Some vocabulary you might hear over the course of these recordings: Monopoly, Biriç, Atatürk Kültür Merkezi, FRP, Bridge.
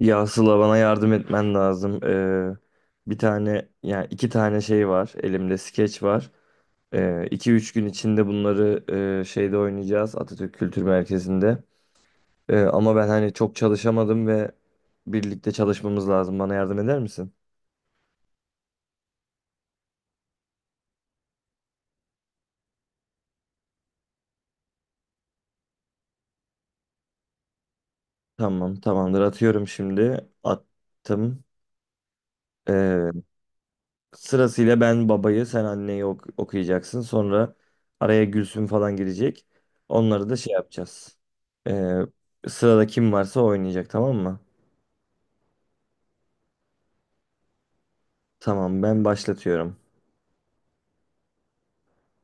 Ya Sıla bana yardım etmen lazım. Bir tane yani iki tane şey var. Elimde skeç var. İki üç gün içinde bunları şeyde oynayacağız Atatürk Kültür Merkezi'nde. Ama ben hani çok çalışamadım ve birlikte çalışmamız lazım. Bana yardım eder misin? Tamam, tamamdır. Atıyorum şimdi. Attım. Ee, Sırasıyla ben babayı, sen anneyi okuyacaksın. Sonra araya Gülsüm falan girecek. Onları da şey yapacağız. Ee, Sırada kim varsa oynayacak, tamam mı? Tamam, ben başlatıyorum.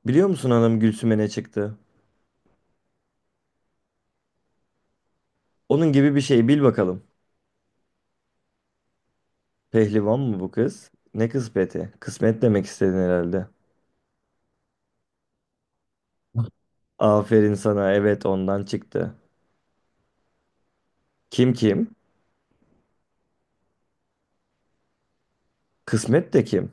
Biliyor musun hanım, Gülsüm'e ne çıktı? Onun gibi bir şey, bil bakalım. Pehlivan mı bu kız? Ne kısmeti? Kısmet demek istedin herhalde. Aferin sana, evet, ondan çıktı. Kim kim? Kısmet de kim?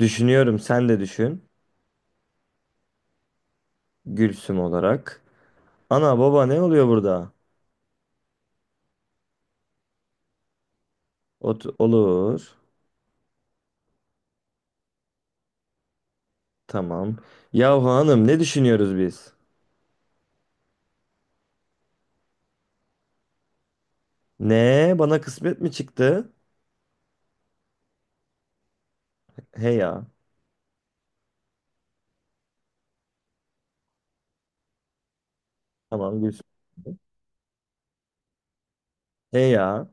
Düşünüyorum, sen de düşün. Gülsüm olarak. Ana baba ne oluyor burada? Olur. Tamam. Yahu hanım, ne düşünüyoruz biz? Ne? Bana kısmet mi çıktı? He ya. Tamam Gülsüm. He ya.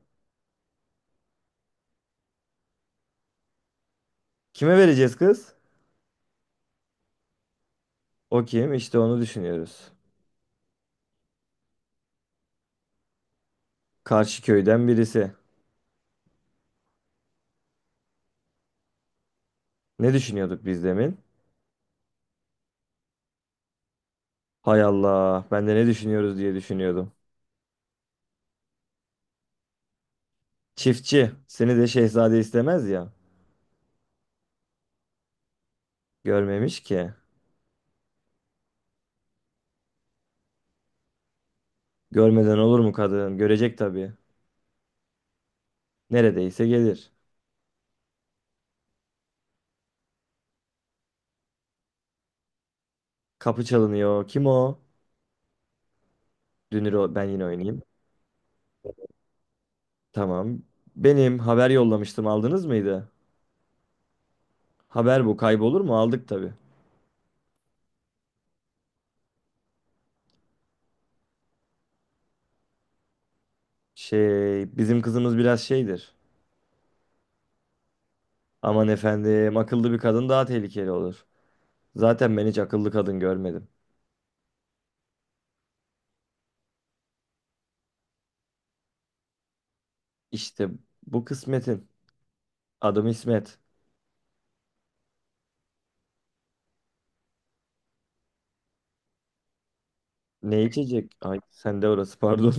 Kime vereceğiz kız? O kim? İşte onu düşünüyoruz. Karşı köyden birisi. Ne düşünüyorduk biz demin? Hay Allah. Ben de ne düşünüyoruz diye düşünüyordum. Çiftçi. Seni de şehzade istemez ya. Görmemiş ki. Görmeden olur mu kadın? Görecek tabii. Neredeyse gelir. Kapı çalınıyor. Kim o? Ben yine oynayayım. Tamam. Benim haber yollamıştım, aldınız mıydı? Haber bu kaybolur mu? Aldık tabii. Şey, bizim kızımız biraz şeydir. Aman efendim, akıllı bir kadın daha tehlikeli olur. Zaten ben hiç akıllı kadın görmedim. İşte bu kısmetin. Adım İsmet. Ne içecek? Ay sen de, orası pardon.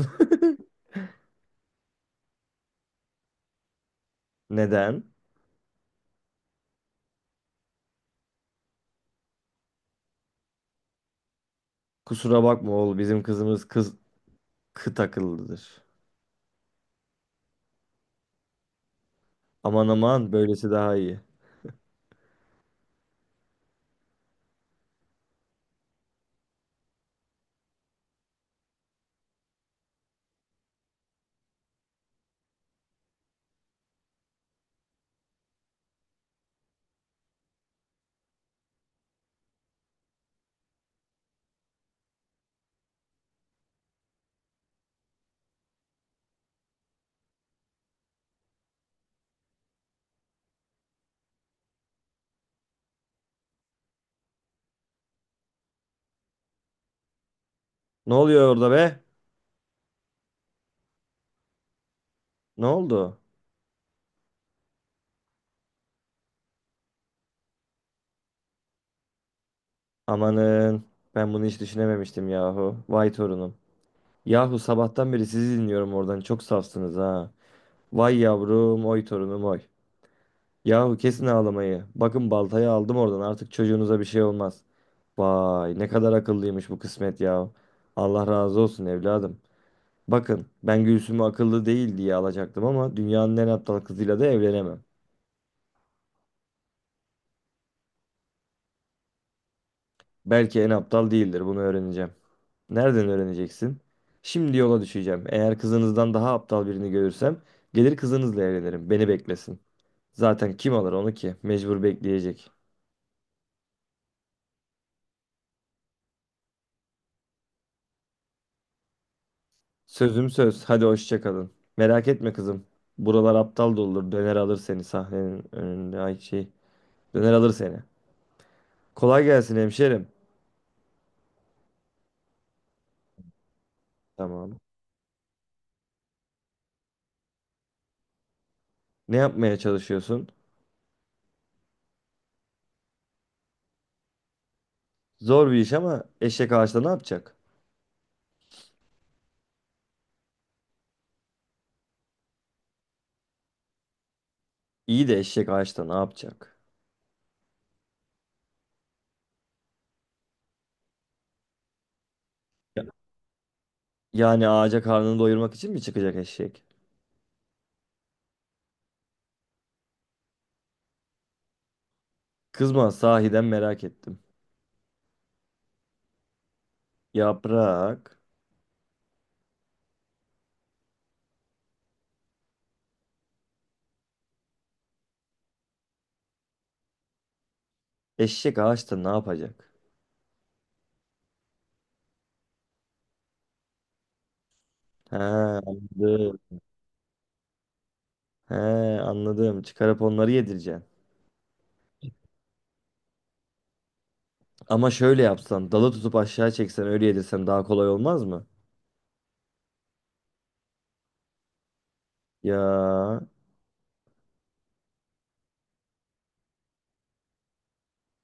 Neden? Kusura bakma oğul, bizim kızımız kıt akıllıdır. Aman aman, böylesi daha iyi. Ne oluyor orada be? Ne oldu? Amanın, ben bunu hiç düşünememiştim yahu. Vay torunum. Yahu sabahtan beri sizi dinliyorum, oradan çok safsınız ha. Vay yavrum, oy torunum oy. Yahu kesin ağlamayı. Bakın, baltayı aldım oradan, artık çocuğunuza bir şey olmaz. Vay ne kadar akıllıymış bu kısmet yahu. Allah razı olsun evladım. Bakın, ben Gülsüm'ü akıllı değil diye alacaktım ama dünyanın en aptal kızıyla da evlenemem. Belki en aptal değildir. Bunu öğreneceğim. Nereden öğreneceksin? Şimdi yola düşeceğim. Eğer kızınızdan daha aptal birini görürsem gelir kızınızla evlenirim. Beni beklesin. Zaten kim alır onu ki? Mecbur bekleyecek. Sözüm söz. Hadi hoşça kalın. Merak etme kızım. Buralar aptal doludur. Döner alır seni sahnenin önünde. Ay şey. Döner alır seni. Kolay gelsin hemşerim. Tamam. Ne yapmaya çalışıyorsun? Zor bir iş ama eşek ağaçta ne yapacak? İyi de eşek ağaçta ne yapacak? Yani ağaca karnını doyurmak için mi çıkacak eşek? Kızma, sahiden merak ettim. Yaprak. Eşek ağaçta ne yapacak? He, anladım. He, anladım. Çıkarıp onları yedireceksin. Ama şöyle yapsan, dalı tutup aşağı çeksen, öyle yedirsen daha kolay olmaz mı? Ya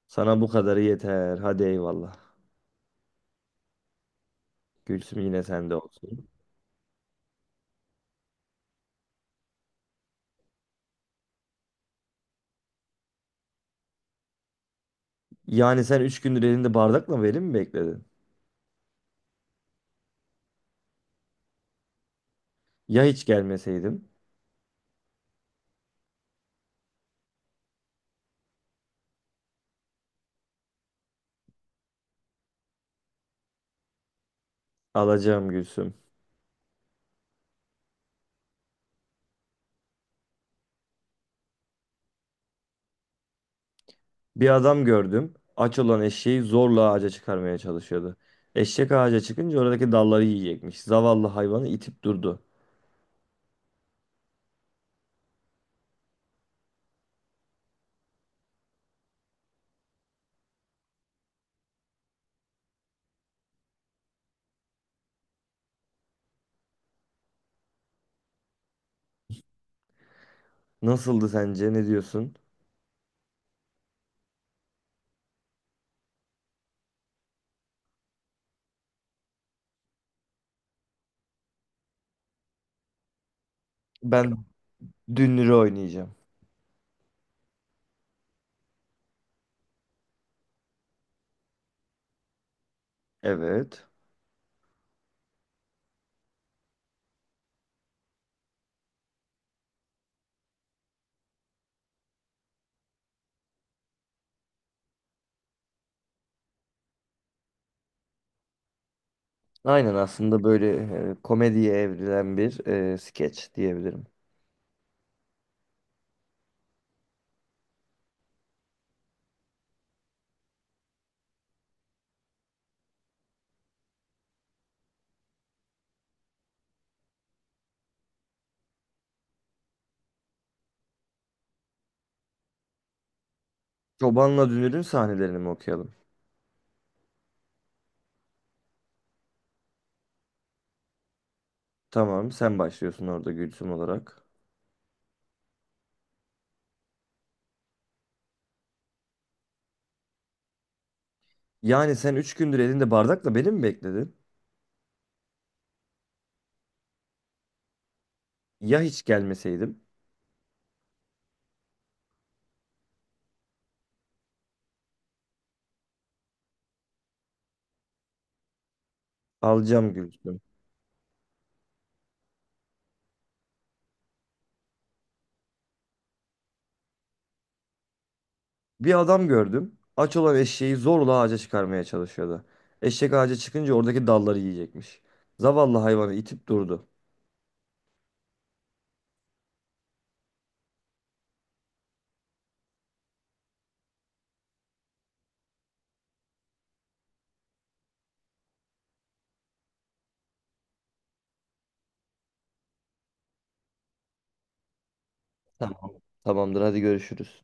sana bu kadarı yeter. Hadi eyvallah. Gülsüm yine sende olsun. Yani sen 3 gündür elinde bardakla verim mi bekledin? Ya hiç gelmeseydim? Alacağım Gülsüm. Bir adam gördüm. Aç olan eşeği zorla ağaca çıkarmaya çalışıyordu. Eşek ağaca çıkınca oradaki dalları yiyecekmiş. Zavallı hayvanı itip durdu. Nasıldı sence? Ne diyorsun? Ben Dünür'ü oynayacağım. Evet. Aynen, aslında böyle komediye evrilen bir skeç diyebilirim. Çobanla Dünür'ün sahnelerini mi okuyalım? Tamam, sen başlıyorsun orada Gülsüm olarak. Yani sen üç gündür elinde bardakla beni mi bekledin? Ya hiç gelmeseydim? Alacağım Gülsüm. Bir adam gördüm. Aç olan eşeği zorla ağaca çıkarmaya çalışıyordu. Eşek ağaca çıkınca oradaki dalları yiyecekmiş. Zavallı hayvanı itip durdu. Tamam. Tamamdır, hadi görüşürüz.